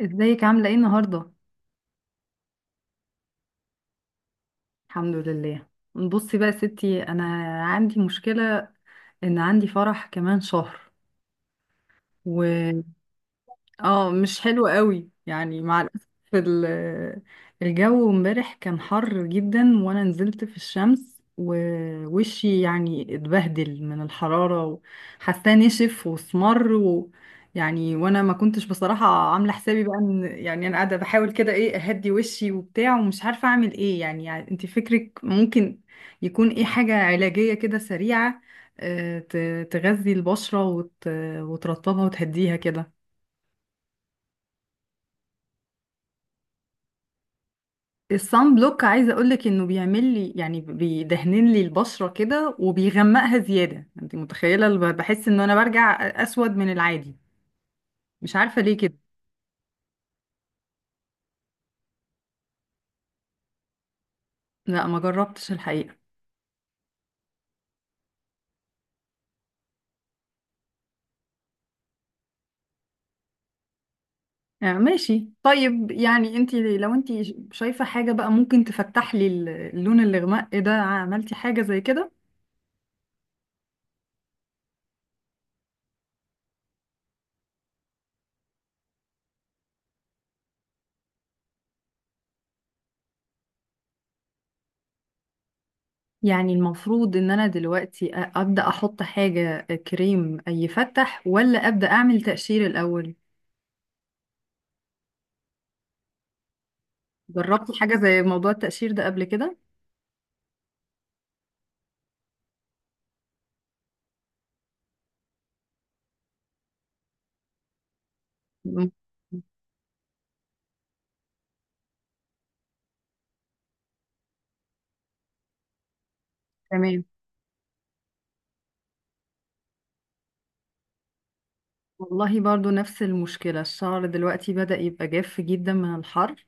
ازيك عاملة ايه النهاردة؟ الحمد لله. بصي بقى يا ستي، انا عندي مشكلة ان عندي فرح كمان شهر. اه، مش حلو قوي يعني مع الأسف. ال- الجو امبارح كان حر جدا وانا نزلت في الشمس، ووشي يعني اتبهدل من الحرارة وحاساه نشف واسمر. و يعني وانا ما كنتش بصراحة عاملة حسابي بقى ان يعني انا قاعدة بحاول كده، ايه، اهدي وشي وبتاع ومش عارفة اعمل ايه يعني, يعني انت فكرك ممكن يكون ايه حاجة علاجية كده سريعة، تغذي البشرة وترطبها وتهديها كده. الصن بلوك عايزه اقولك انه بيعمل لي يعني بيدهنن لي البشره كده وبيغمقها زياده. انت متخيله، بحس ان انا برجع اسود من العادي. مش عارفه ليه كده. لا ما جربتش الحقيقه. آه ماشي، طيب يعني انت لو انت شايفه حاجه بقى ممكن تفتح لي اللون الاغماء ده، عملتي حاجه زي كده؟ يعني المفروض ان انا دلوقتي ابدا احط حاجه، كريم يفتح، ولا ابدا اعمل تقشير الاول؟ جربتي حاجه زي موضوع التقشير ده قبل كده؟ م- تمام. والله برضو نفس المشكلة، الشعر دلوقتي بدأ يبقى جاف جدا من الحر.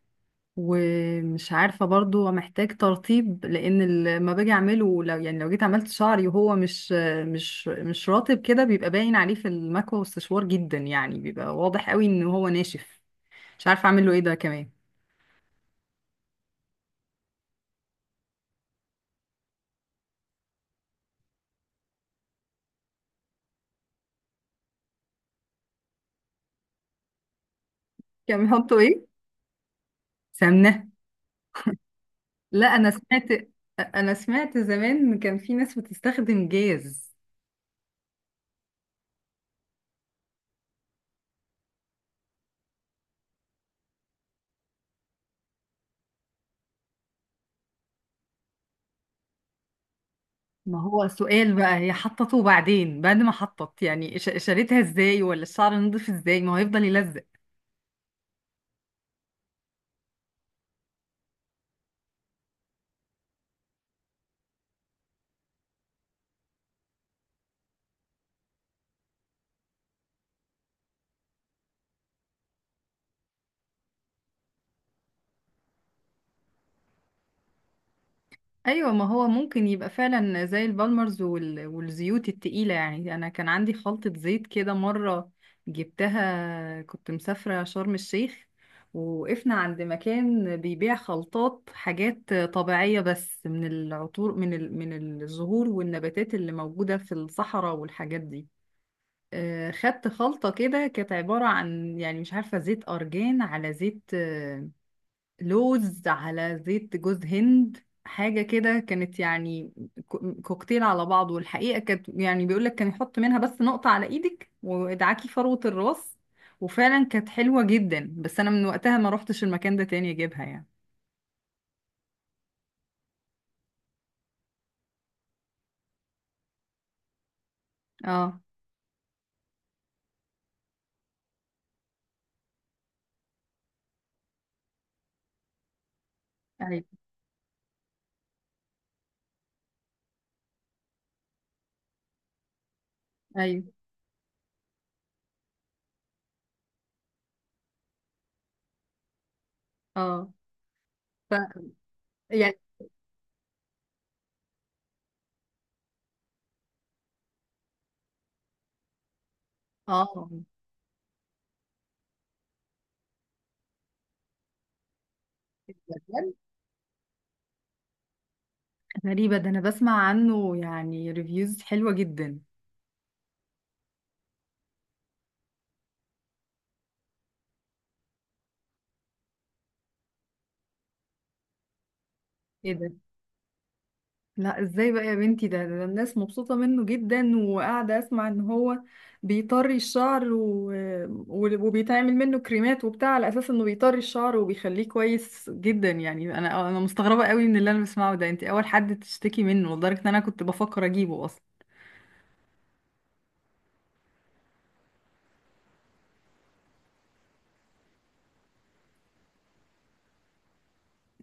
ومش عارفة برضو محتاج ترطيب، لأن لما باجي أعمله، لو يعني لو جيت عملت شعري وهو مش مش مش رطب كده، بيبقى باين عليه في المكوى والسشوار جدا. يعني بيبقى واضح قوي إن هو ناشف. مش عارفة أعمل له إيه ده كمان. كان بيحطوا إيه؟ سمنة؟ لا أنا سمعت، أنا سمعت زمان كان في ناس بتستخدم جاز. ما هو السؤال بقى، هي حطته بعدين، بعد ما حطت يعني، شالتها ازاي ولا الشعر نضيف ازاي؟ ما هو هيفضل يلزق. ايوه، ما هو ممكن يبقى فعلا زي البالمرز وال... والزيوت التقيلة. يعني انا كان عندي خلطة زيت كده مرة، جبتها كنت مسافرة شرم الشيخ، ووقفنا عند مكان بيبيع خلطات حاجات طبيعية بس، من العطور، من ال... من الزهور والنباتات اللي موجودة في الصحراء والحاجات دي. خدت خلطة كده، كانت عبارة عن يعني مش عارفة، زيت أرجان على زيت لوز على زيت جوز هند، حاجة كده كانت يعني كوكتيل على بعضه. والحقيقة كانت يعني بيقولك كان يحط منها بس نقطة على إيدك وادعاكي فروة الراس. وفعلا كانت حلوة جدا، بس أنا من وقتها ما روحتش المكان ده تاني أجيبها يعني. اه. ايوه ايوه. اه. ف يعني اه غريبة ده، أنا بسمع عنه يعني ريفيوز حلوة جدا. ايه ده؟ لا ازاي بقى يا بنتي ده, ده الناس مبسوطة منه جدا وقاعدة اسمع ان هو بيطري الشعر و... وبيتعمل منه كريمات وبتاع على اساس انه بيطري الشعر وبيخليه كويس جدا. يعني انا مستغربة قوي من اللي انا بسمعه ده، انت اول حد تشتكي منه لدرجة ان انا كنت بفكر اجيبه اصلا.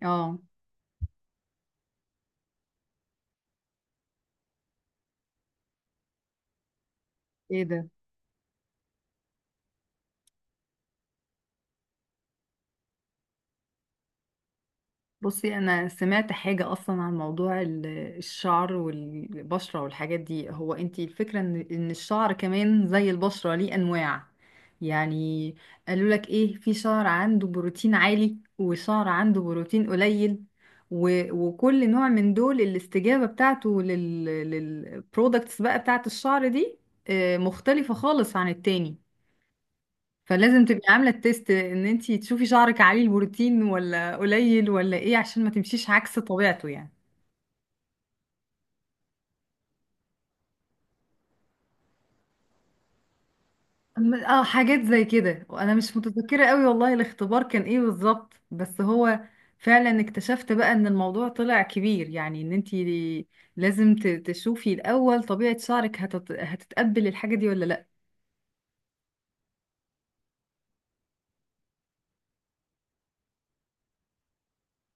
اه. ايه ده؟ بصي انا سمعت حاجه اصلا عن موضوع الشعر والبشره والحاجات دي، هو انتي الفكره ان ان الشعر كمان زي البشره ليه انواع. يعني قالوا لك ايه، في شعر عنده بروتين عالي وشعر عنده بروتين قليل. وكل نوع من دول الاستجابه بتاعته لل للبرودكتس بقى بتاعت الشعر دي، مختلفه خالص عن التاني. فلازم تبقي عامله التيست ان انتي تشوفي شعرك عالي البروتين ولا قليل ولا ايه، عشان ما تمشيش عكس طبيعته يعني. اه، حاجات زي كده، وانا مش متذكره قوي والله الاختبار كان ايه بالظبط. بس هو فعلا اكتشفت بقى ان الموضوع طلع كبير، يعني ان انتي لازم تشوفي الاول طبيعه شعرك هتت... هتتقبل الحاجه دي ولا لا.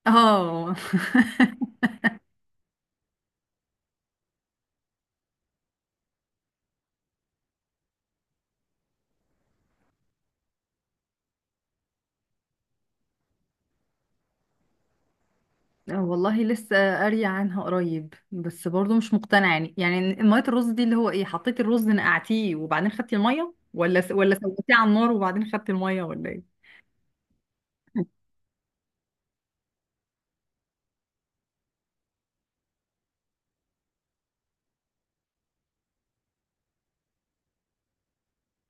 اه والله لسه قارية عنها قريب، بس برضو مش مقتنعة. يعني يعني مية الرز دي اللي هو ايه، حطيتي الرز نقعتيه وبعدين خدتي المية، ولا س... ولا سويتيه على النار وبعدين خدتي المية ولا ايه؟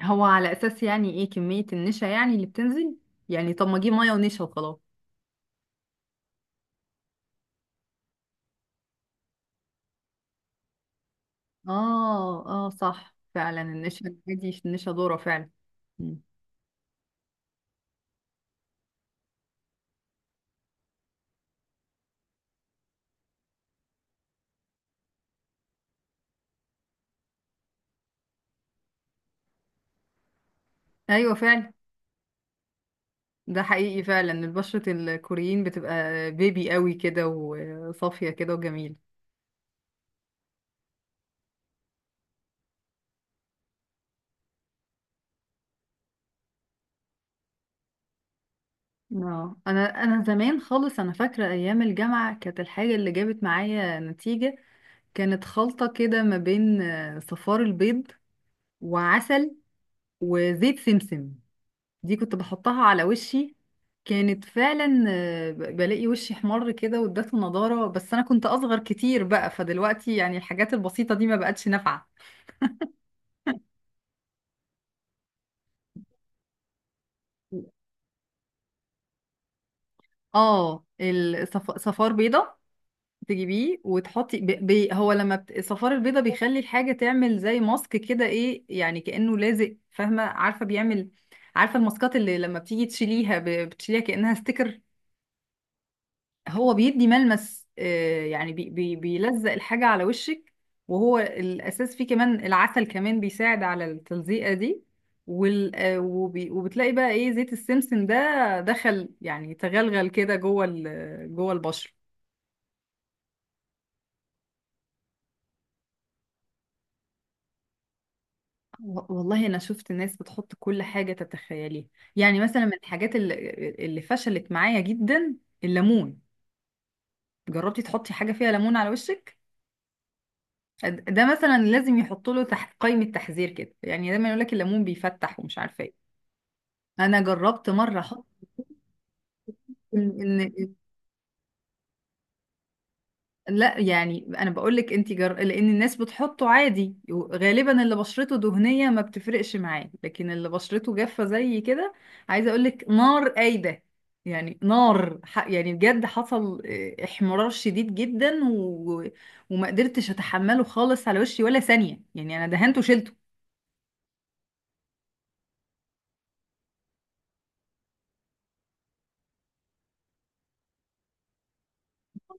هو على اساس يعني ايه، كمية النشا يعني اللي بتنزل؟ يعني طب ما اجيب مية ونشا وخلاص. اه اه، صح فعلا، النشا دي النشا ضارة فعلا. مم. ايوه فعلا. ده حقيقي فعلا، البشرة الكوريين بتبقى بيبي قوي كده وصافية كده وجميلة. اه، انا زمان خالص، انا فاكره ايام الجامعه كانت الحاجه اللي جابت معايا نتيجه كانت خلطه كده ما بين صفار البيض وعسل وزيت سمسم. دي كنت بحطها على وشي. كانت فعلا بلاقي وشي حمر كده وادته نضاره. بس انا كنت اصغر كتير بقى، فدلوقتي يعني الحاجات البسيطه دي ما بقتش نافعه. اه، صفار بيضه تجيبيه وتحطي ب... ب... هو لما بت... الصفار البيضة بيخلي الحاجة تعمل زي ماسك كده، ايه يعني، كأنه لازق، فاهمة، عارفة بيعمل. عارفة الماسكات اللي لما بتيجي تشيليها ب... بتشيليها كأنها ستيكر. هو بيدي ملمس آه يعني بي... بي... بيلزق الحاجة على وشك. وهو الأساس فيه كمان العسل، كمان بيساعد على التلزيقة دي. وال... آه وبي... وبتلاقي بقى ايه، زيت السمسم ده دخل يعني تغلغل كده جوه ال... جوه البشرة. والله انا شفت ناس بتحط كل حاجه تتخيليها. يعني مثلا من الحاجات اللي, اللي فشلت معايا جدا الليمون. جربتي تحطي حاجه فيها ليمون على وشك؟ ده مثلا لازم يحط له تحت قائمه تحذير كده، يعني دايما يقول لك الليمون بيفتح ومش عارفه ايه. انا جربت مره احط. ان إن لا يعني انا بقول لك انت جر... لان الناس بتحطه عادي، غالبا اللي بشرته دهنيه ما بتفرقش معاه، لكن اللي بشرته جافه زي كده، عايزه اقول لك نار قايده. يعني نار ح... يعني بجد حصل احمرار شديد جدا و... وما قدرتش اتحمله خالص على وشي ولا ثانيه، يعني انا دهنته وشلته.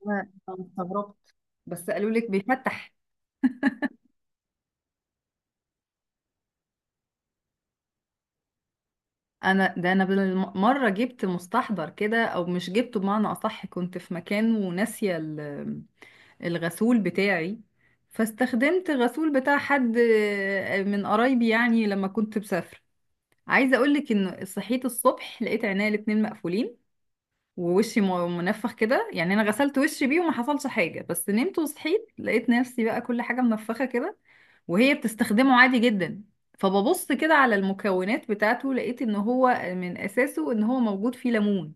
أنا استغربت، بس قالوا لك بيفتح. انا ده انا بالمره جبت مستحضر كده، او مش جبته بمعنى اصح، كنت في مكان وناسيه الغسول بتاعي، فاستخدمت الغسول بتاع حد من قرايبي يعني لما كنت مسافرة. عايزة اقولك ان صحيت الصبح لقيت عينيا الاتنين مقفولين، ووشي منفخ كده. يعني انا غسلت وشي بيه وما حصلش حاجة، بس نمت وصحيت لقيت نفسي بقى كل حاجة منفخة كده، وهي بتستخدمه عادي جدا. فببص كده على المكونات بتاعته، لقيت ان هو من اساسه ان هو موجود فيه ليمون.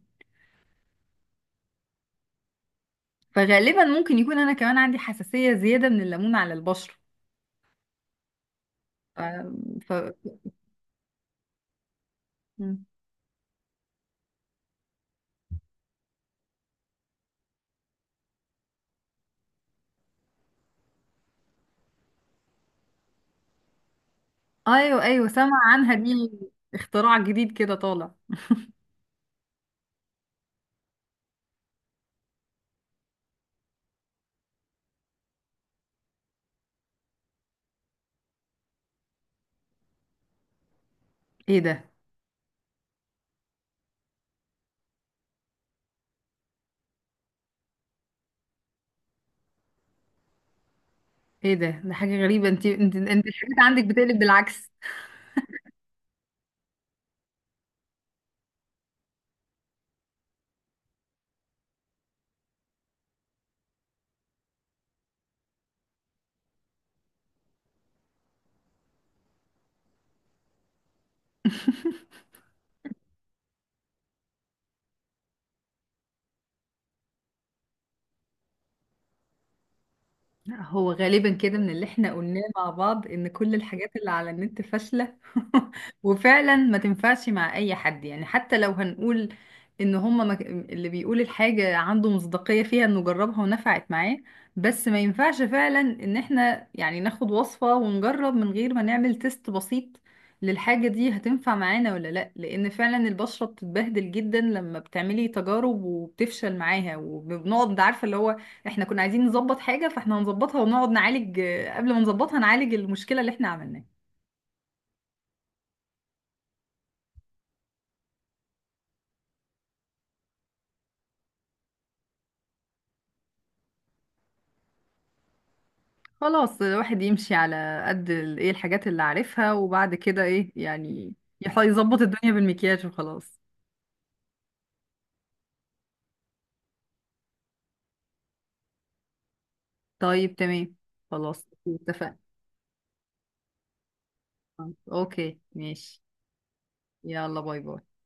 فغالبا ممكن يكون انا كمان عندي حساسية زيادة من الليمون على البشرة. ف... ف... ايوه ايوه، سمع عنها دي، اختراع جديد كده طالع. ايه ده؟ ايه ده؟ ده حاجه غريبه، انت الحاجات عندك بتقلب بالعكس. هو غالبا كده من اللي احنا قلناه مع بعض، ان كل الحاجات اللي على النت فاشلة. وفعلا ما تنفعش مع اي حد. يعني حتى لو هنقول ان هما ما... اللي بيقول الحاجة عنده مصداقية فيها انه جربها ونفعت معاه، بس ما ينفعش فعلا ان احنا يعني ناخد وصفة ونجرب من غير ما نعمل تيست بسيط للحاجة دي هتنفع معانا ولا لا. لان فعلا البشرة بتتبهدل جدا لما بتعملي تجارب وبتفشل معاها، وبنقعد عارفة اللي هو احنا كنا عايزين نظبط حاجة، فاحنا هنظبطها ونقعد نعالج، قبل ما نظبطها نعالج المشكلة اللي احنا عملناها. خلاص، الواحد يمشي على قد ايه، الحاجات اللي عارفها، وبعد كده ايه يعني، يظبط الدنيا بالمكياج وخلاص. طيب تمام، خلاص اتفقنا. اوكي ماشي. يلا باي باي.